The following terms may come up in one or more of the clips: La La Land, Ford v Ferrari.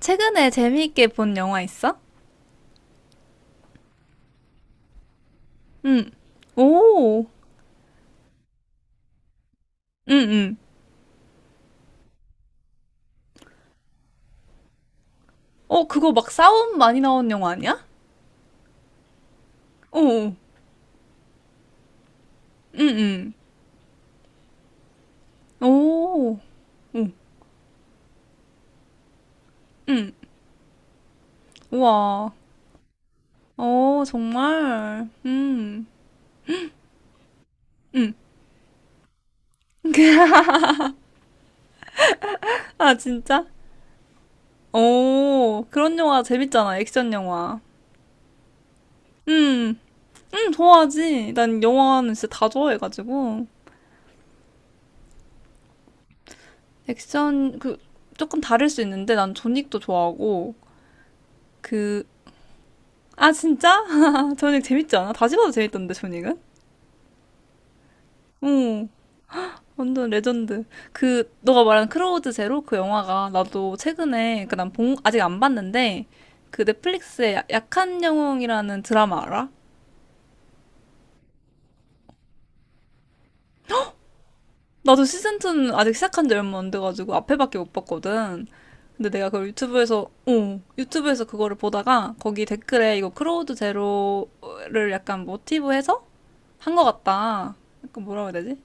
최근에 재미있게 본 영화 있어? 응. 오. 응, 응. 어, 그거 막 싸움 많이 나온 영화 아니야? 오. 응, 응. 오. 오. 응. 우와. 어, 정말. 음. 응. 아, 진짜? 오. 그런 영화 재밌잖아. 액션 영화. 응. 응, 좋아하지. 난 영화는 진짜 다 좋아해가지고. 액션, 그, 조금 다를 수 있는데 난 조닉도 좋아하고, 그, 아, 진짜? 저닉 재밌지 않아? 다시 봐도 재밌던데, 저닉은? 응, 완전 레전드. 그, 너가 말한 크로우드 제로 그 영화가 나도 최근에, 그 난 아직 안 봤는데, 그 넷플릭스의 약한 영웅이라는 드라마 알아? 나도 시즌2는 아직 시작한 지 얼마 안 돼가지고 앞에밖에 못 봤거든. 근데 내가 그걸 유튜브에서, 어, 유튜브에서 그거를 보다가 거기 댓글에 이거 크로우드 제로를 약간 모티브해서 한 것 같다. 약간 뭐라고 해야 되지?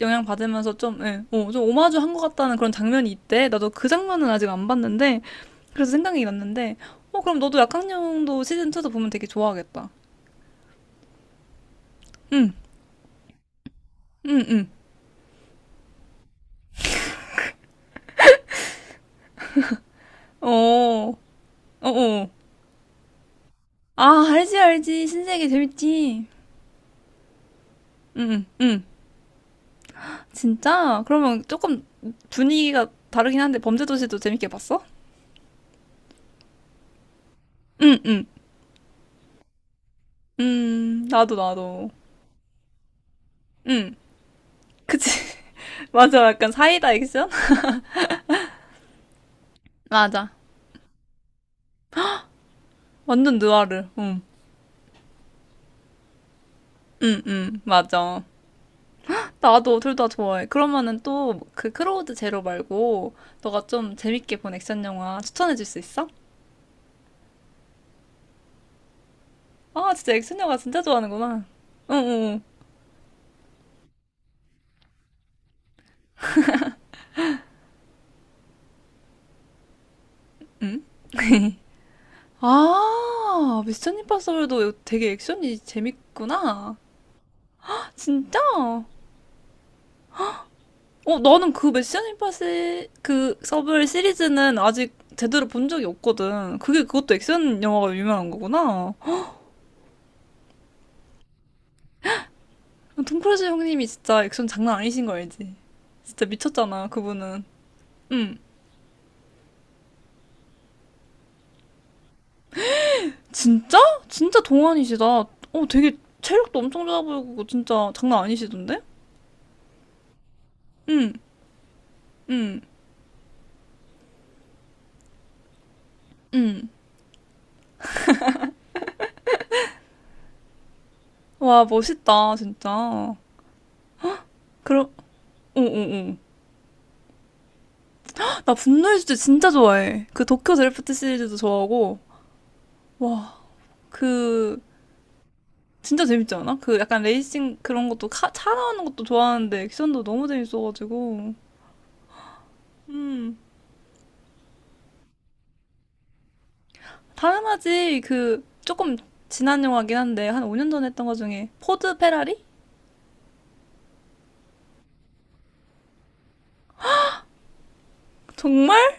영향 받으면서 좀, 예, 좀 오마주 한 것 같다는 그런 장면이 있대. 나도 그 장면은 아직 안 봤는데, 그래서 생각이 났는데, 어, 그럼 너도 약학령도 시즌2도 보면 되게 좋아하겠다. 응, 응, 응. 어, 어, 어. 아, 알지, 알지. 신세계 재밌지. 응, 응, 응. 진짜? 그러면 조금 분위기가 다르긴 한데, 범죄도시도 재밌게 봤어? 응, 응. 나도, 나도. 응. 그치. 맞아. 약간 사이다 액션? 맞아. 완전 느와르. 응. 응응 맞아. 나도 둘 다 좋아해. 그러면은 또 그 크로우드 제로 말고 너가 좀 재밌게 본 액션 영화 추천해 줄 수 있어? 아 진짜 액션 영화 진짜 좋아하는구나. 응응 응. 응. 응? 아 미션 임파서블도 되게 액션이 재밌구나. 진짜? 어 나는 그 미션 임파시 그 서블 시리즈는 아직 제대로 본 적이 없거든. 그게 그것도 액션 영화가 유명한 거구나. 톰 크루즈 형님이 진짜 액션 장난 아니신 거 알지? 진짜 미쳤잖아, 그분은. 응. 진짜? 진짜 동안이시다. 어, 되게 체력도 엄청 좋아 보이고, 진짜 장난 아니시던데? 응, 응, 응. 와, 멋있다, 진짜. 그럼, 어, 어, 어. 나 분노의 주제 진짜 좋아해. 그 도쿄 드래프트 시리즈도 좋아하고, 와, 그, 진짜 재밌지 않아? 그 약간 레이싱 그런 것도 차 나오는 것도 좋아하는데 액션도 너무 재밌어가지고. 음. 당연하지. 그 조금 지난 영화긴 한데 한 5년 전에 했던 거 중에 포드 페라리? 정말?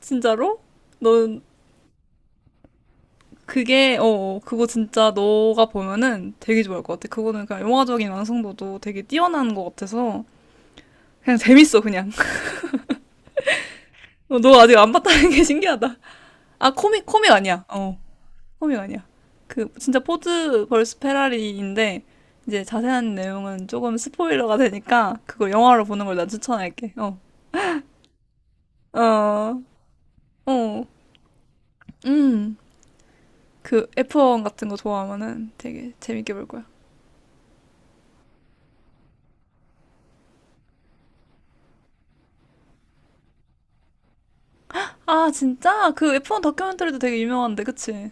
진짜로? 넌 그게 어 어, 그거 진짜 너가 보면은 되게 좋아할 것 같아. 그거는 그냥 영화적인 완성도도 되게 뛰어난 것 같아서 그냥 재밌어 그냥. 어, 너 아직 안 봤다는 게 신기하다. 아 코믹 코믹 아니야. 어 코믹 아니야. 그 진짜 포드 벌스 페라리인데 이제 자세한 내용은 조금 스포일러가 되니까 그걸 영화로 보는 걸 난 추천할게. 어. 어, 어, 음, 그 F1 같은 거 좋아하면은 되게 재밌게 볼 거야. 아, 진짜? 그 F1 다큐멘터리도 되게 유명한데, 그치?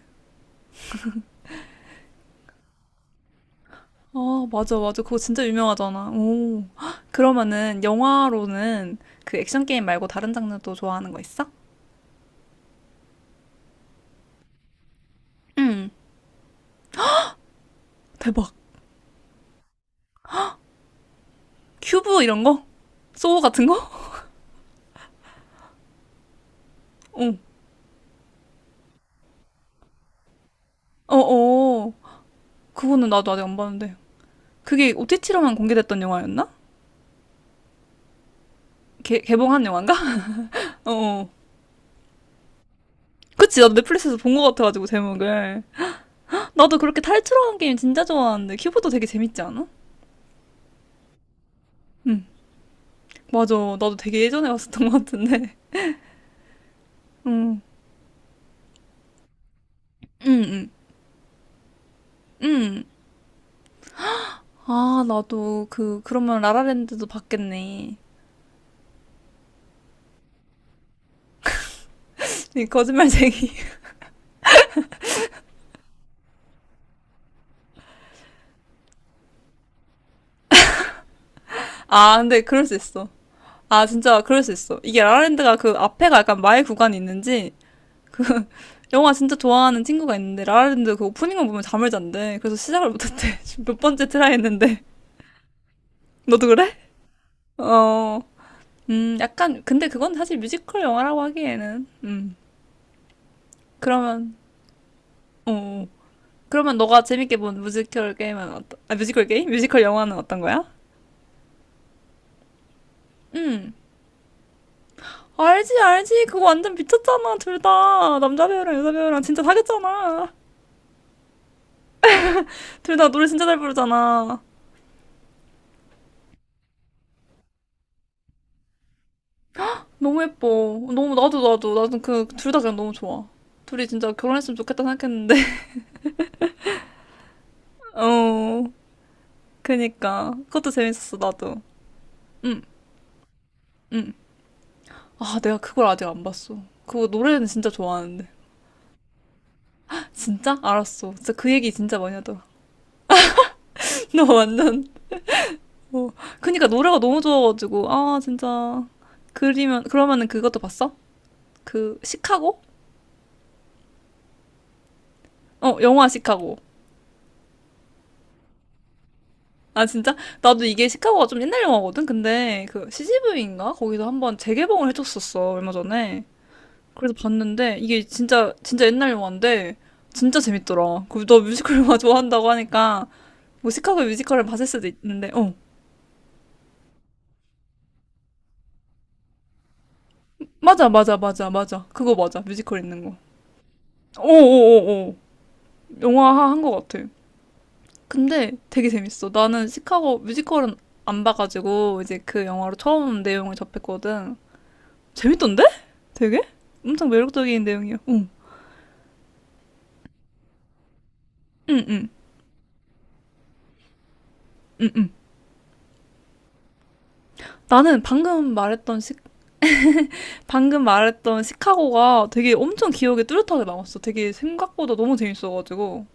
아, 맞아, 맞아. 그거 진짜 유명하잖아. 오. 헉, 그러면은 영화로는 그 액션 게임 말고 다른 장르도 좋아하는 거 있어? 응. 대박. 큐브 이런 거? 소우 같은 거? 어, 어, 어. 그거는 나도 아직 안 봤는데. 그게 OTT로만 공개됐던 영화였나? 개봉한 영화인가? 어. 어. 그치, 나도 넷플릭스에서 본 거 같아가지고, 제목을. 나도 그렇게 탈출하는 게임 진짜 좋아하는데 큐브도 되게 재밌지 않아? 응, 맞아. 나도 되게 예전에 봤었던 것 같은데. 응, 응, 응, 응. 아, 나도 그 그러면 라라랜드도 봤겠네. 이 거짓말쟁이. 아, 근데 그럴 수 있어. 아, 진짜 그럴 수 있어. 이게 라라랜드가 그 앞에가 약간 마의 구간이 있는지 그 영화 진짜 좋아하는 친구가 있는데 라라랜드 그 오프닝만 보면 잠을 잔대. 그래서 시작을 못했대. 지금 몇 번째 트라이 했는데. 너도 그래? 어. 약간, 근데 그건 사실 뮤지컬 영화라고 하기에는, 그러면, 어, 어. 그러면 너가 재밌게 본 뮤지컬 게임은 어떤, 아, 뮤지컬 게임? 뮤지컬 영화는 어떤 거야? 음, 알지, 알지. 그거 완전 미쳤잖아, 둘 다. 남자 배우랑 여자 배우랑 진짜 사귀었잖아. 둘 다 노래 진짜 잘 부르잖아. 너무 예뻐. 너무, 나도, 나도, 나도 그, 둘 다 그냥 너무 좋아. 둘이 진짜 결혼했으면 좋겠다 생각했는데, 어, 그니까. 그것도 재밌었어, 나도. 응응 아, 내가 그걸 아직 안 봤어. 그거 노래는 진짜 좋아하는데. 진짜? 알았어. 진짜 그 얘기 진짜 많이 하더라. 나 완전, 어. 그니까 노래가 너무 좋아가지고, 아, 진짜. 그러면은 그것도 봤어? 그, 시카고? 어, 영화 시카고. 아, 진짜? 나도 이게 시카고가 좀 옛날 영화거든? 근데 그 CGV인가? 거기서 한번 재개봉을 해줬었어, 얼마 전에. 그래서 봤는데, 이게 진짜, 진짜 옛날 영화인데, 진짜 재밌더라. 그리고 너 뮤지컬 영화 좋아한다고 하니까, 뭐 시카고 뮤지컬을 봤을 수도 있는데, 어. 맞아, 맞아, 맞아, 맞아. 그거 맞아. 뮤지컬 있는 거. 오오오오. 영화 한 거 같아. 근데 되게 재밌어. 나는 시카고 뮤지컬은 안 봐가지고 이제 그 영화로 처음 내용을 접했거든. 재밌던데? 되게? 엄청 매력적인 내용이야. 응, 응, 응, 응, 응. 나는 방금 말했던 방금 말했던 시카고가 되게 엄청 기억에 뚜렷하게 남았어. 되게 생각보다 너무 재밌어가지고.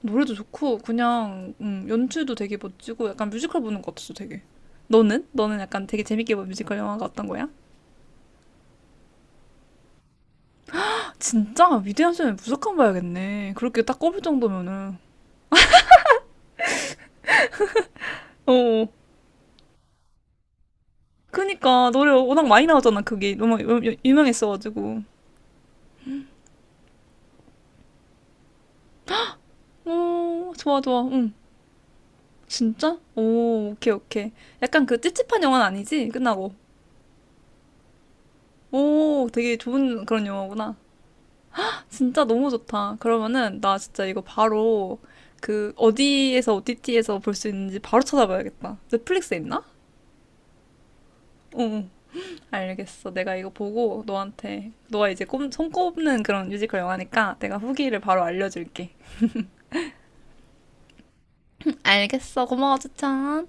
노래도 좋고 그냥 연출도 되게 멋지고 약간 뮤지컬 보는 것 같았어 되게. 너는? 너는 약간 되게 재밌게 본 뮤지컬 영화가 어떤 거야? 진짜 위대한 쇼녀는 무조건 봐야겠네. 그렇게 딱 꼽을 정도면은. 어. 어. 그니까 노래 워낙 많이 나오잖아 그게 너무 유명했어가지고. 오 좋아 좋아. 응. 진짜? 오 오케이 오케이. 약간 그 찝찝한 영화는 아니지? 끝나고. 오 되게 좋은 그런 영화구나. 진짜 너무 좋다. 그러면은 나 진짜 이거 바로 그 어디에서 OTT에서 볼 수 있는지 바로 찾아봐야겠다. 넷플릭스에 있나? 응. 응. 알겠어. 내가 이거 보고 너한테 너가 이제 손꼽는 그런 뮤지컬 영화니까 내가 후기를 바로 알려줄게. 응, 알겠어. 고마워, 추천.